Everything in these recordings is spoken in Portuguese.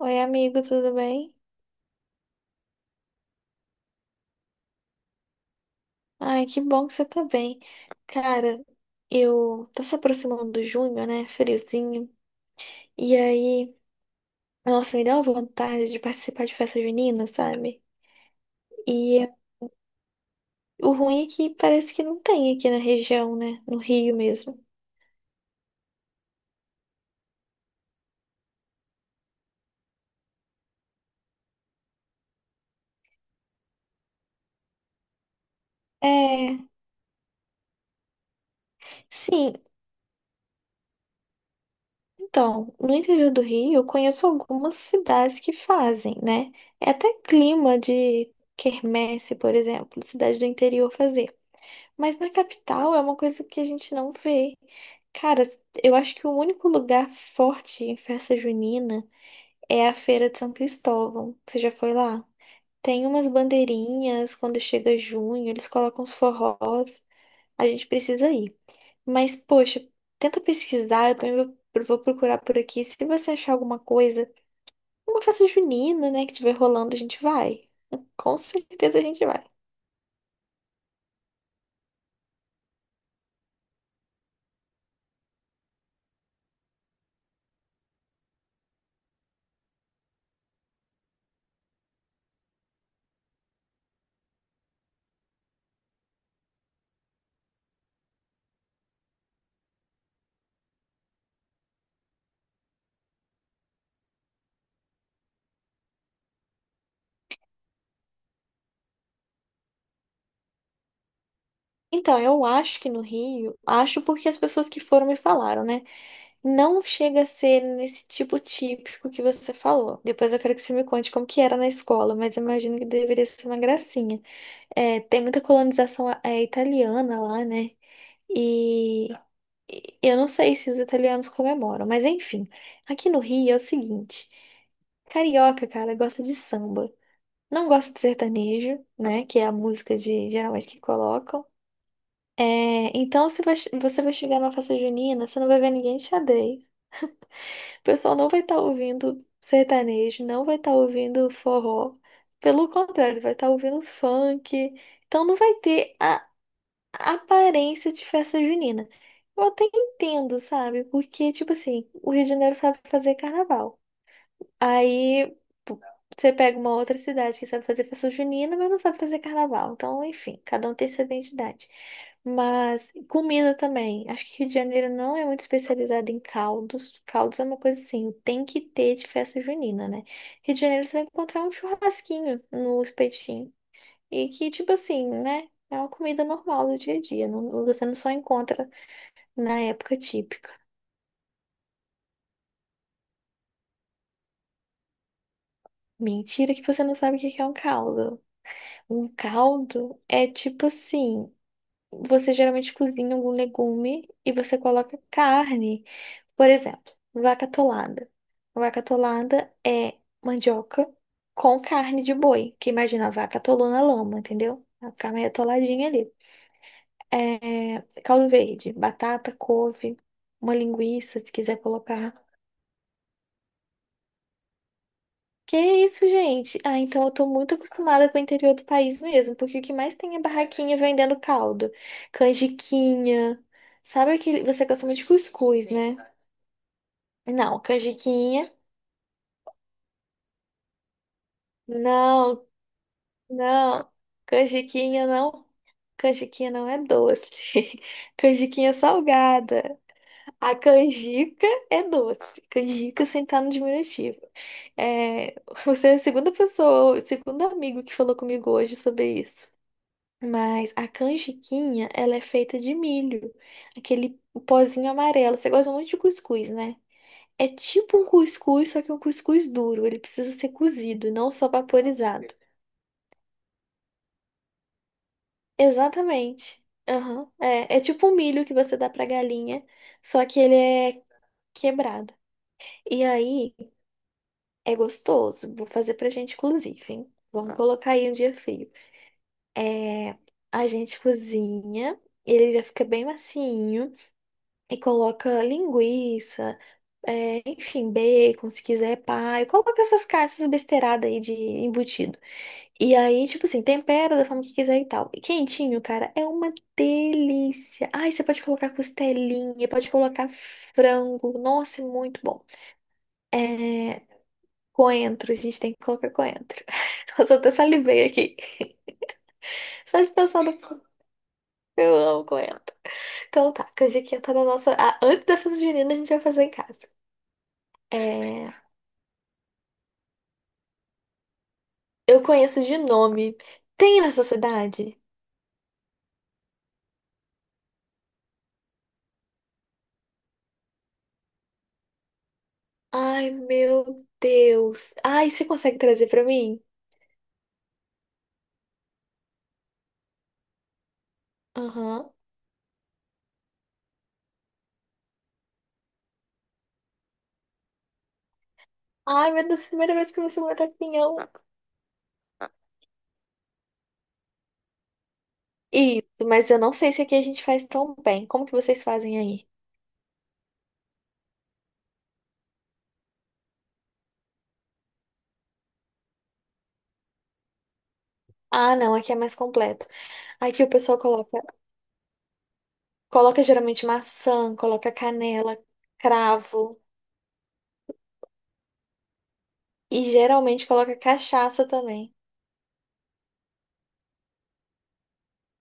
Oi, amigo, tudo bem? Ai, que bom que você tá bem. Cara, eu tá se aproximando do junho, né? Friozinho. E aí, nossa, me deu uma vontade de participar de festa junina, sabe? E o ruim é que parece que não tem aqui na região, né? No Rio mesmo. É, sim. Então, no interior do Rio, eu conheço algumas cidades que fazem, né? É até clima de quermesse, por exemplo, cidade do interior fazer. Mas na capital é uma coisa que a gente não vê. Cara, eu acho que o único lugar forte em festa junina é a Feira de São Cristóvão. Você já foi lá? Tem umas bandeirinhas quando chega junho, eles colocam os forrós. A gente precisa ir. Mas, poxa, tenta pesquisar, eu também vou procurar por aqui. Se você achar alguma coisa, uma festa junina, né, que tiver rolando, a gente vai. Com certeza a gente vai. Então, eu acho que no Rio, acho porque as pessoas que foram me falaram, né? Não chega a ser nesse tipo típico que você falou. Depois eu quero que você me conte como que era na escola, mas eu imagino que deveria ser uma gracinha. É, tem muita colonização italiana lá, né? E e eu não sei se os italianos comemoram, mas enfim. Aqui no Rio é o seguinte: carioca, cara, gosta de samba. Não gosta de sertanejo, né? Que é a música de geralmente que colocam. É, então, se você vai chegar na festa junina, você não vai ver ninguém de xadrez. O pessoal não vai estar ouvindo sertanejo, não vai estar ouvindo forró. Pelo contrário, vai estar ouvindo funk. Então, não vai ter a aparência de festa junina. Eu até entendo, sabe? Porque, tipo assim, o Rio de Janeiro sabe fazer carnaval. Aí p- você pega uma outra cidade que sabe fazer festa junina, mas não sabe fazer carnaval. Então, enfim, cada um tem sua identidade. Mas comida também. Acho que Rio de Janeiro não é muito especializado em caldos. Caldos é uma coisa assim, tem que ter de festa junina, né? Rio de Janeiro você vai encontrar um churrasquinho no espetinho. E que, tipo assim, né? É uma comida normal do dia a dia. Não, você não só encontra na época típica. Mentira que você não sabe o que que é um caldo. Um caldo é tipo assim, você geralmente cozinha algum legume e você coloca carne. Por exemplo, vaca atolada. Vaca atolada é mandioca com carne de boi, que imagina a vaca atolou na lama, entendeu? Ela fica meio atoladinha ali. É, caldo verde, batata, couve, uma linguiça, se quiser colocar. Que isso, gente? Ah, então eu tô muito acostumada com o interior do país mesmo, porque o que mais tem é barraquinha vendendo caldo, canjiquinha. Sabe aquele. Você gosta muito de cuscuz, né? Não, canjiquinha. Não, não. Canjiquinha não. Canjiquinha não é doce. Canjiquinha é salgada. A canjica é doce. Canjica sem estar no diminutivo. É, você é a segunda pessoa, o segundo amigo que falou comigo hoje sobre isso. Mas a canjiquinha, ela é feita de milho, aquele pozinho amarelo. Você gosta muito de cuscuz, né? É tipo um cuscuz, só que um cuscuz duro. Ele precisa ser cozido, não só vaporizado. Exatamente. Aham. É, é tipo um milho que você dá pra galinha, só que ele é quebrado. E aí é gostoso. Vou fazer pra gente, inclusive, hein? Vamos Tá, colocar aí um dia frio. É, a gente cozinha, ele já fica bem macinho. E coloca linguiça, é, enfim, bacon, se quiser, pai. Coloca essas caixas besteiradas aí de embutido. E aí, tipo assim, tempera da forma que quiser e tal. E quentinho, cara, é uma delícia. Ai, você pode colocar costelinha, pode colocar frango. Nossa, é muito bom. É, coentro, a gente tem que colocar coentro. Nossa, eu até salivei aqui. Só de pensar no que eu amo coentro. Então tá, canjiquinha tá na nossa. Ah, antes da festa junina, a gente vai fazer em casa. é Eu conheço de nome. Tem na sua cidade? Ai, meu Deus. Ai, você consegue trazer pra mim? Aham. Ai, meu Deus, primeira vez que você mata pinhão. Isso, mas eu não sei se aqui a gente faz tão bem. Como que vocês fazem aí? Ah, não, aqui é mais completo. Aqui o pessoal coloca, coloca geralmente maçã, coloca canela, cravo e geralmente coloca cachaça também.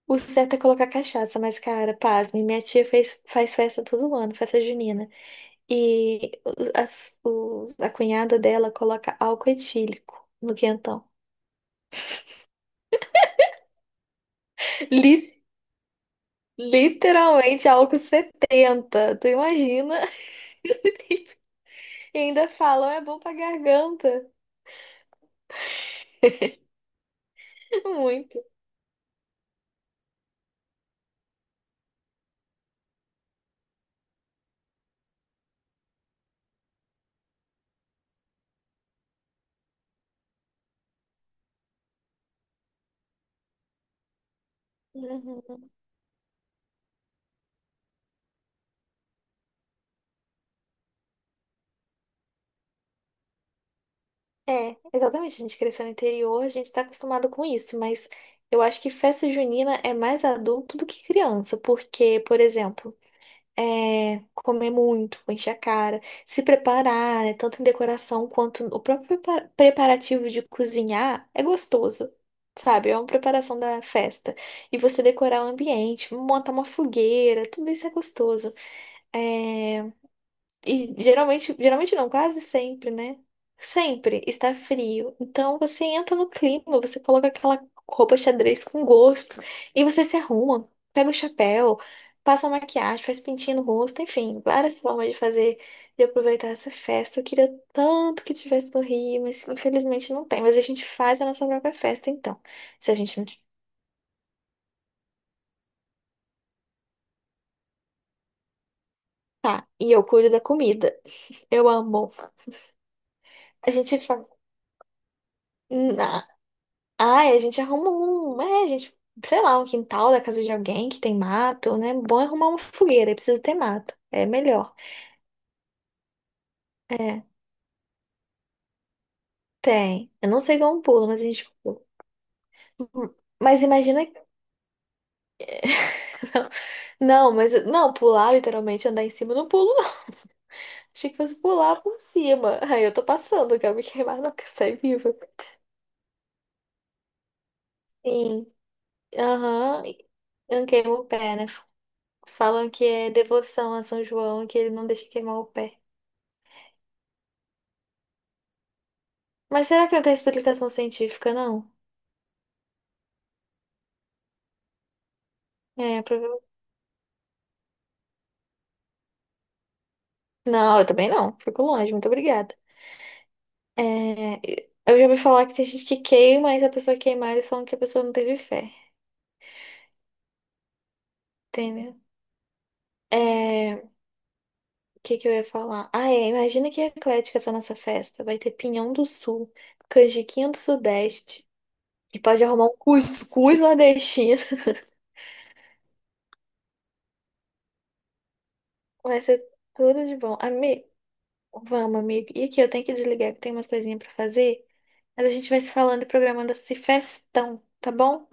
O certo é colocar cachaça, mas cara, pasme, minha tia fez, faz festa todo ano, festa junina. E a cunhada dela coloca álcool etílico no quentão. Li- literalmente álcool 70. Tu imagina? E ainda falam, é bom pra garganta. Muito. Uhum. É, exatamente. A gente cresceu no interior, a gente tá acostumado com isso, mas eu acho que festa junina é mais adulto do que criança, porque, por exemplo. É, comer muito, encher a cara, se preparar, né, tanto em decoração quanto o próprio preparativo de cozinhar é gostoso, sabe? É uma preparação da festa. E você decorar o ambiente, montar uma fogueira, tudo isso é gostoso. É, e geralmente, geralmente não, quase sempre, né? Sempre está frio. Então você entra no clima, você coloca aquela roupa xadrez com gosto e você se arruma, pega o chapéu, passa uma maquiagem, faz pintinho no rosto, enfim, várias formas de fazer, de aproveitar essa festa. Eu queria tanto que tivesse no Rio, mas infelizmente não tem. Mas a gente faz a nossa própria festa, então. Se a gente não. Tá, e eu cuido da comida. Eu amo. A gente faz. Ah, a gente arruma um, é, a gente, sei lá, um quintal da casa de alguém que tem mato, né? Bom é arrumar uma fogueira, aí precisa ter mato. É melhor. É, tem. Eu não sei como pulo, mas a gente. hum, Mas imagina. Não, mas não, pular literalmente, andar em cima, eu não pulo, não. Achei que fosse pular por cima. Aí eu tô passando, eu quero me queimar, não quero sair viva. Sim, aham, eu não queimo o pé, né? Falam que é devoção a São João, que ele não deixa queimar o pé. Mas será que não tem explicação científica, não? É, provavelmente. Não, eu também não. Fico longe, muito obrigada. É, eu já ouvi falar que tem gente que queima, e se a pessoa queimar, eles falam que a pessoa não teve fé, entendeu? É, o que que eu ia falar? Ah, é, imagina que eclética essa nossa festa. Vai ter pinhão do sul, canjiquinha do sudeste, e pode arrumar um cuscuz nordestino. Vai ser tudo de bom. Vamos, amigo. E aqui, eu tenho que desligar, que tem umas coisinhas pra fazer. Mas a gente vai se falando e programando esse festão, tá bom?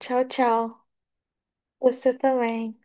Tchau, tchau. Você também.